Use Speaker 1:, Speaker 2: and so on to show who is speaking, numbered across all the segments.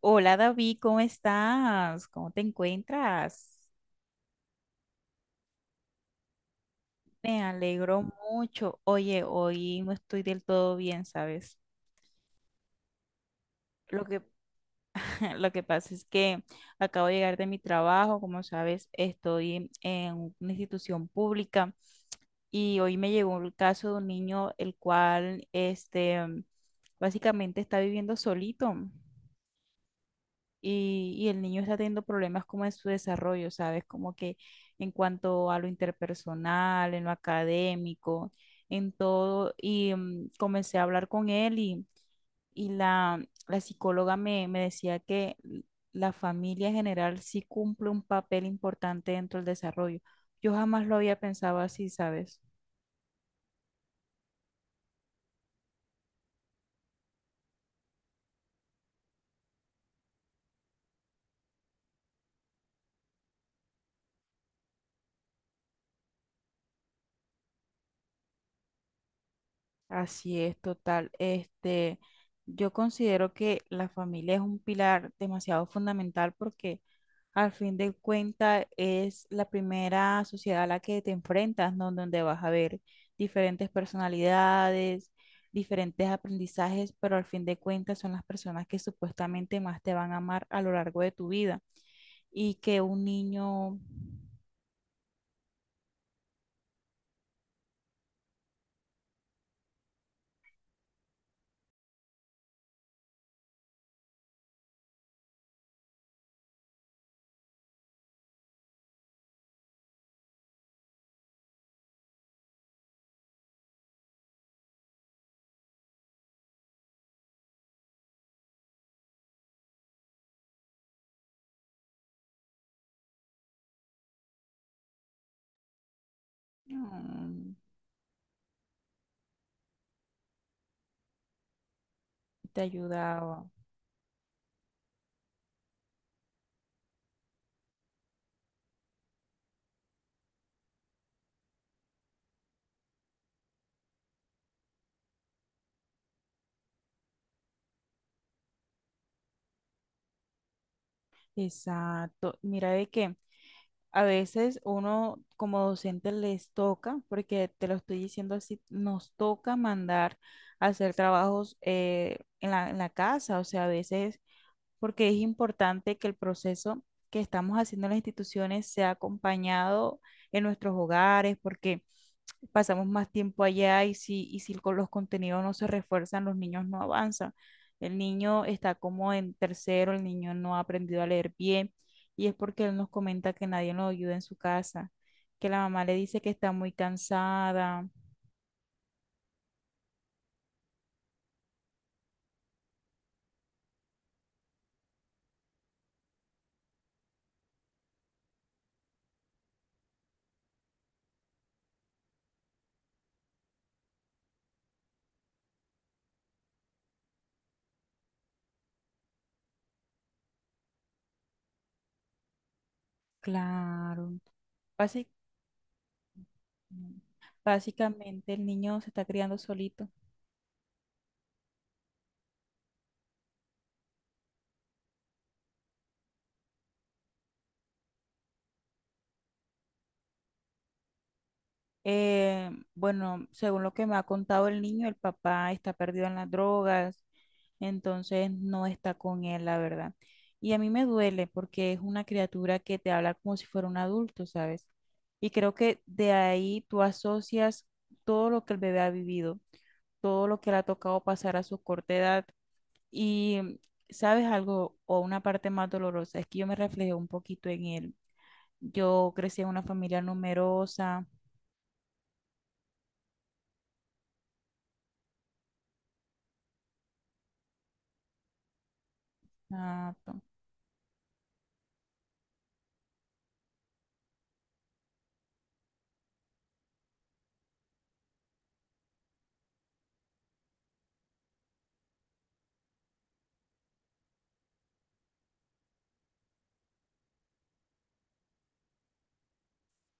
Speaker 1: Hola David, ¿cómo estás? ¿Cómo te encuentras? Me alegro mucho. Oye, hoy no estoy del todo bien, ¿sabes? Lo que, lo que pasa es que acabo de llegar de mi trabajo, como sabes, estoy en una institución pública y hoy me llegó el caso de un niño el cual, básicamente está viviendo solito. Y el niño está teniendo problemas como en su desarrollo, ¿sabes? Como que en cuanto a lo interpersonal, en lo académico, en todo. Y comencé a hablar con él y, y la psicóloga me decía que la familia en general sí cumple un papel importante dentro del desarrollo. Yo jamás lo había pensado así, ¿sabes? Así es, total. Yo considero que la familia es un pilar demasiado fundamental porque al fin de cuentas es la primera sociedad a la que te enfrentas, ¿no? Donde vas a ver diferentes personalidades, diferentes aprendizajes, pero al fin de cuentas son las personas que supuestamente más te van a amar a lo largo de tu vida y que un niño mm, te ayudaba. Exacto. Mira de qué. A veces uno como docente les toca, porque te lo estoy diciendo así, nos toca mandar a hacer trabajos en la casa, o sea, a veces, porque es importante que el proceso que estamos haciendo en las instituciones sea acompañado en nuestros hogares, porque pasamos más tiempo allá y si con los contenidos no se refuerzan, los niños no avanzan. El niño está como en tercero, el niño no ha aprendido a leer bien y es porque él nos comenta que nadie lo ayuda en su casa, que la mamá le dice que está muy cansada. Claro. Basi- básicamente el niño se está criando solito. Bueno, según lo que me ha contado el niño, el papá está perdido en las drogas, entonces no está con él, la verdad. Y a mí me duele porque es una criatura que te habla como si fuera un adulto, ¿sabes? Y creo que de ahí tú asocias todo lo que el bebé ha vivido, todo lo que le ha tocado pasar a su corta edad. Y, ¿sabes algo? O una parte más dolorosa, es que yo me reflejé un poquito en él. Yo crecí en una familia numerosa. Ah,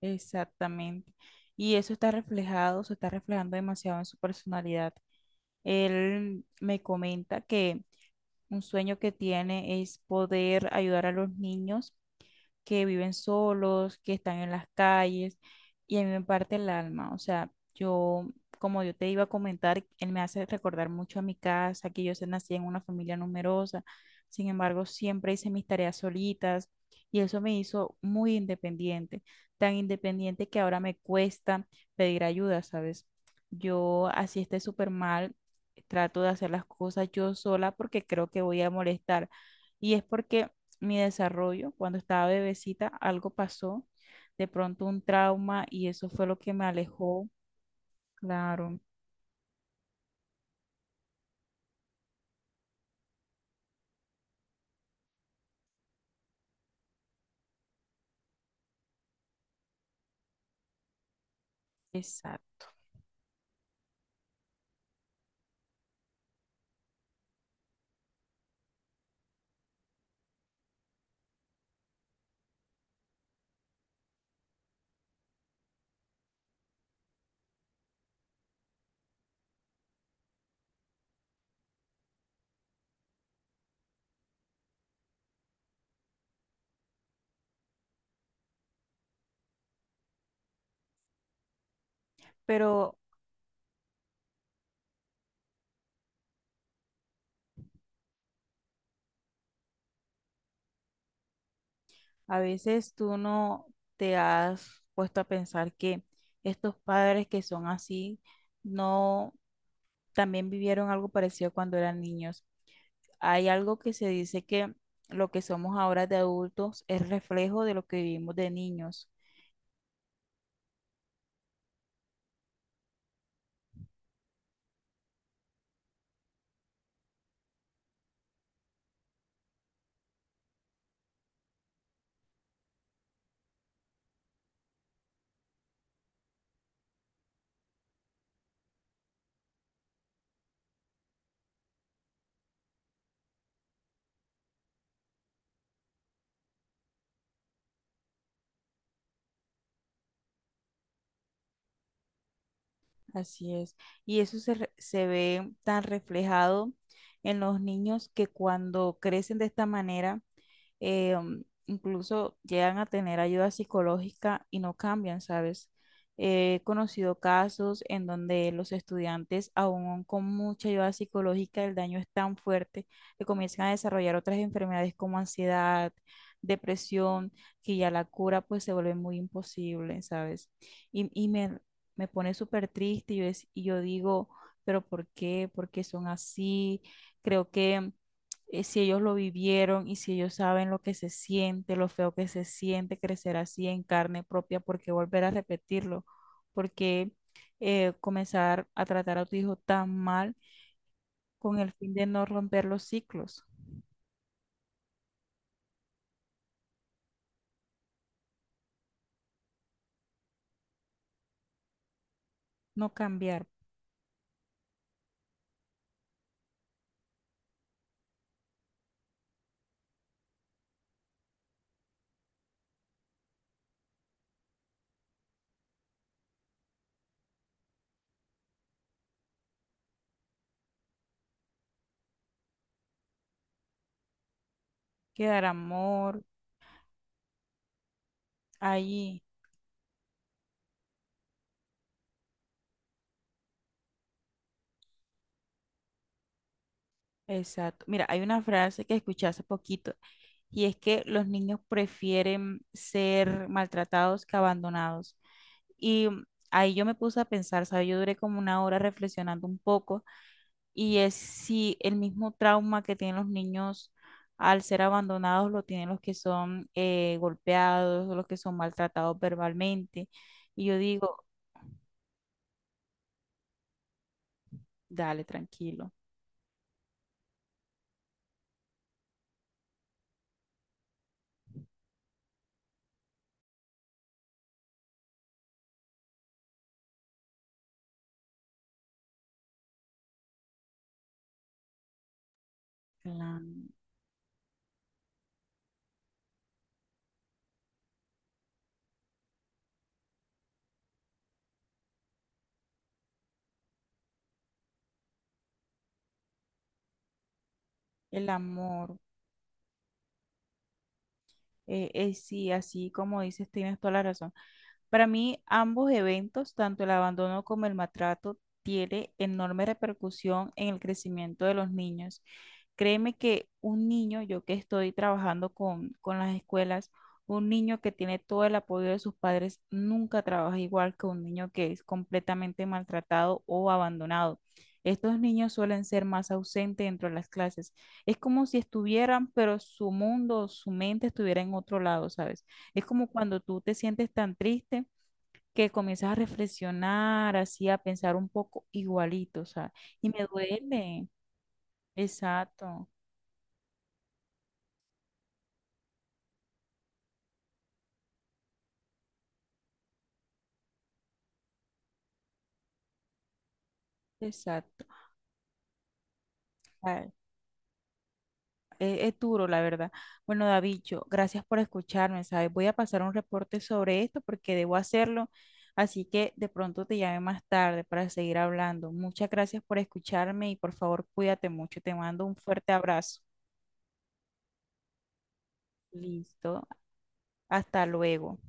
Speaker 1: exactamente. Y eso está reflejado, se está reflejando demasiado en su personalidad. Él me comenta que un sueño que tiene es poder ayudar a los niños que viven solos, que están en las calles, y a mí me parte el alma. O sea, yo, como yo te iba a comentar, él me hace recordar mucho a mi casa, que yo nací en una familia numerosa, sin embargo, siempre hice mis tareas solitas, y eso me hizo muy independiente, tan independiente que ahora me cuesta pedir ayuda, ¿sabes? Yo, así esté súper mal, trato de hacer las cosas yo sola porque creo que voy a molestar. Y es porque mi desarrollo. Cuando estaba bebecita, algo pasó, de pronto un trauma y eso fue lo que me alejó. Claro, exacto. Pero a veces tú no te has puesto a pensar que estos padres que son así, no, también vivieron algo parecido cuando eran niños. Hay algo que se dice que lo que somos ahora de adultos es reflejo de lo que vivimos de niños. Así es. Y eso se ve tan reflejado en los niños que cuando crecen de esta manera, incluso llegan a tener ayuda psicológica y no cambian, ¿sabes? He conocido casos en donde los estudiantes, aún con mucha ayuda psicológica, el daño es tan fuerte que comienzan a desarrollar otras enfermedades como ansiedad, depresión, que ya la cura pues se vuelve muy imposible, ¿sabes? Y, y me, me pone súper triste y yo, y yo digo, pero ¿por qué? ¿Por qué son así? Creo que si ellos lo vivieron y si ellos saben lo que se siente, lo feo que se siente crecer así en carne propia, ¿por qué volver a repetirlo? ¿Por qué comenzar a tratar a tu hijo tan mal con el fin de no romper los ciclos, no cambiar, quedar amor ahí? Exacto. Mira, hay una frase que escuché hace poquito y es que los niños prefieren ser maltratados que abandonados. Y ahí yo me puse a pensar, ¿sabes? Yo duré como una hora reflexionando un poco y es si el mismo trauma que tienen los niños al ser abandonados lo tienen los que son golpeados, los que son maltratados verbalmente. Y yo digo, dale, tranquilo, la- el amor, sí, así como dices, tienes toda la razón. Para mí, ambos eventos, tanto el abandono como el maltrato, tiene enorme repercusión en el crecimiento de los niños. Créeme que un niño, yo que estoy trabajando con las escuelas, un niño que tiene todo el apoyo de sus padres nunca trabaja igual que un niño que es completamente maltratado o abandonado. Estos niños suelen ser más ausentes dentro de las clases. Es como si estuvieran, pero su mundo, su mente estuviera en otro lado, ¿sabes? Es como cuando tú te sientes tan triste que comienzas a reflexionar, así a pensar un poco igualito, o sea, y me duele. Exacto, exacto. Ay, es duro, la verdad. Bueno, Davicho, gracias por escucharme, ¿sabes? Voy a pasar un reporte sobre esto porque debo hacerlo, así que de pronto te llame más tarde para seguir hablando. Muchas gracias por escucharme y por favor cuídate mucho. Te mando un fuerte abrazo. Listo, hasta luego.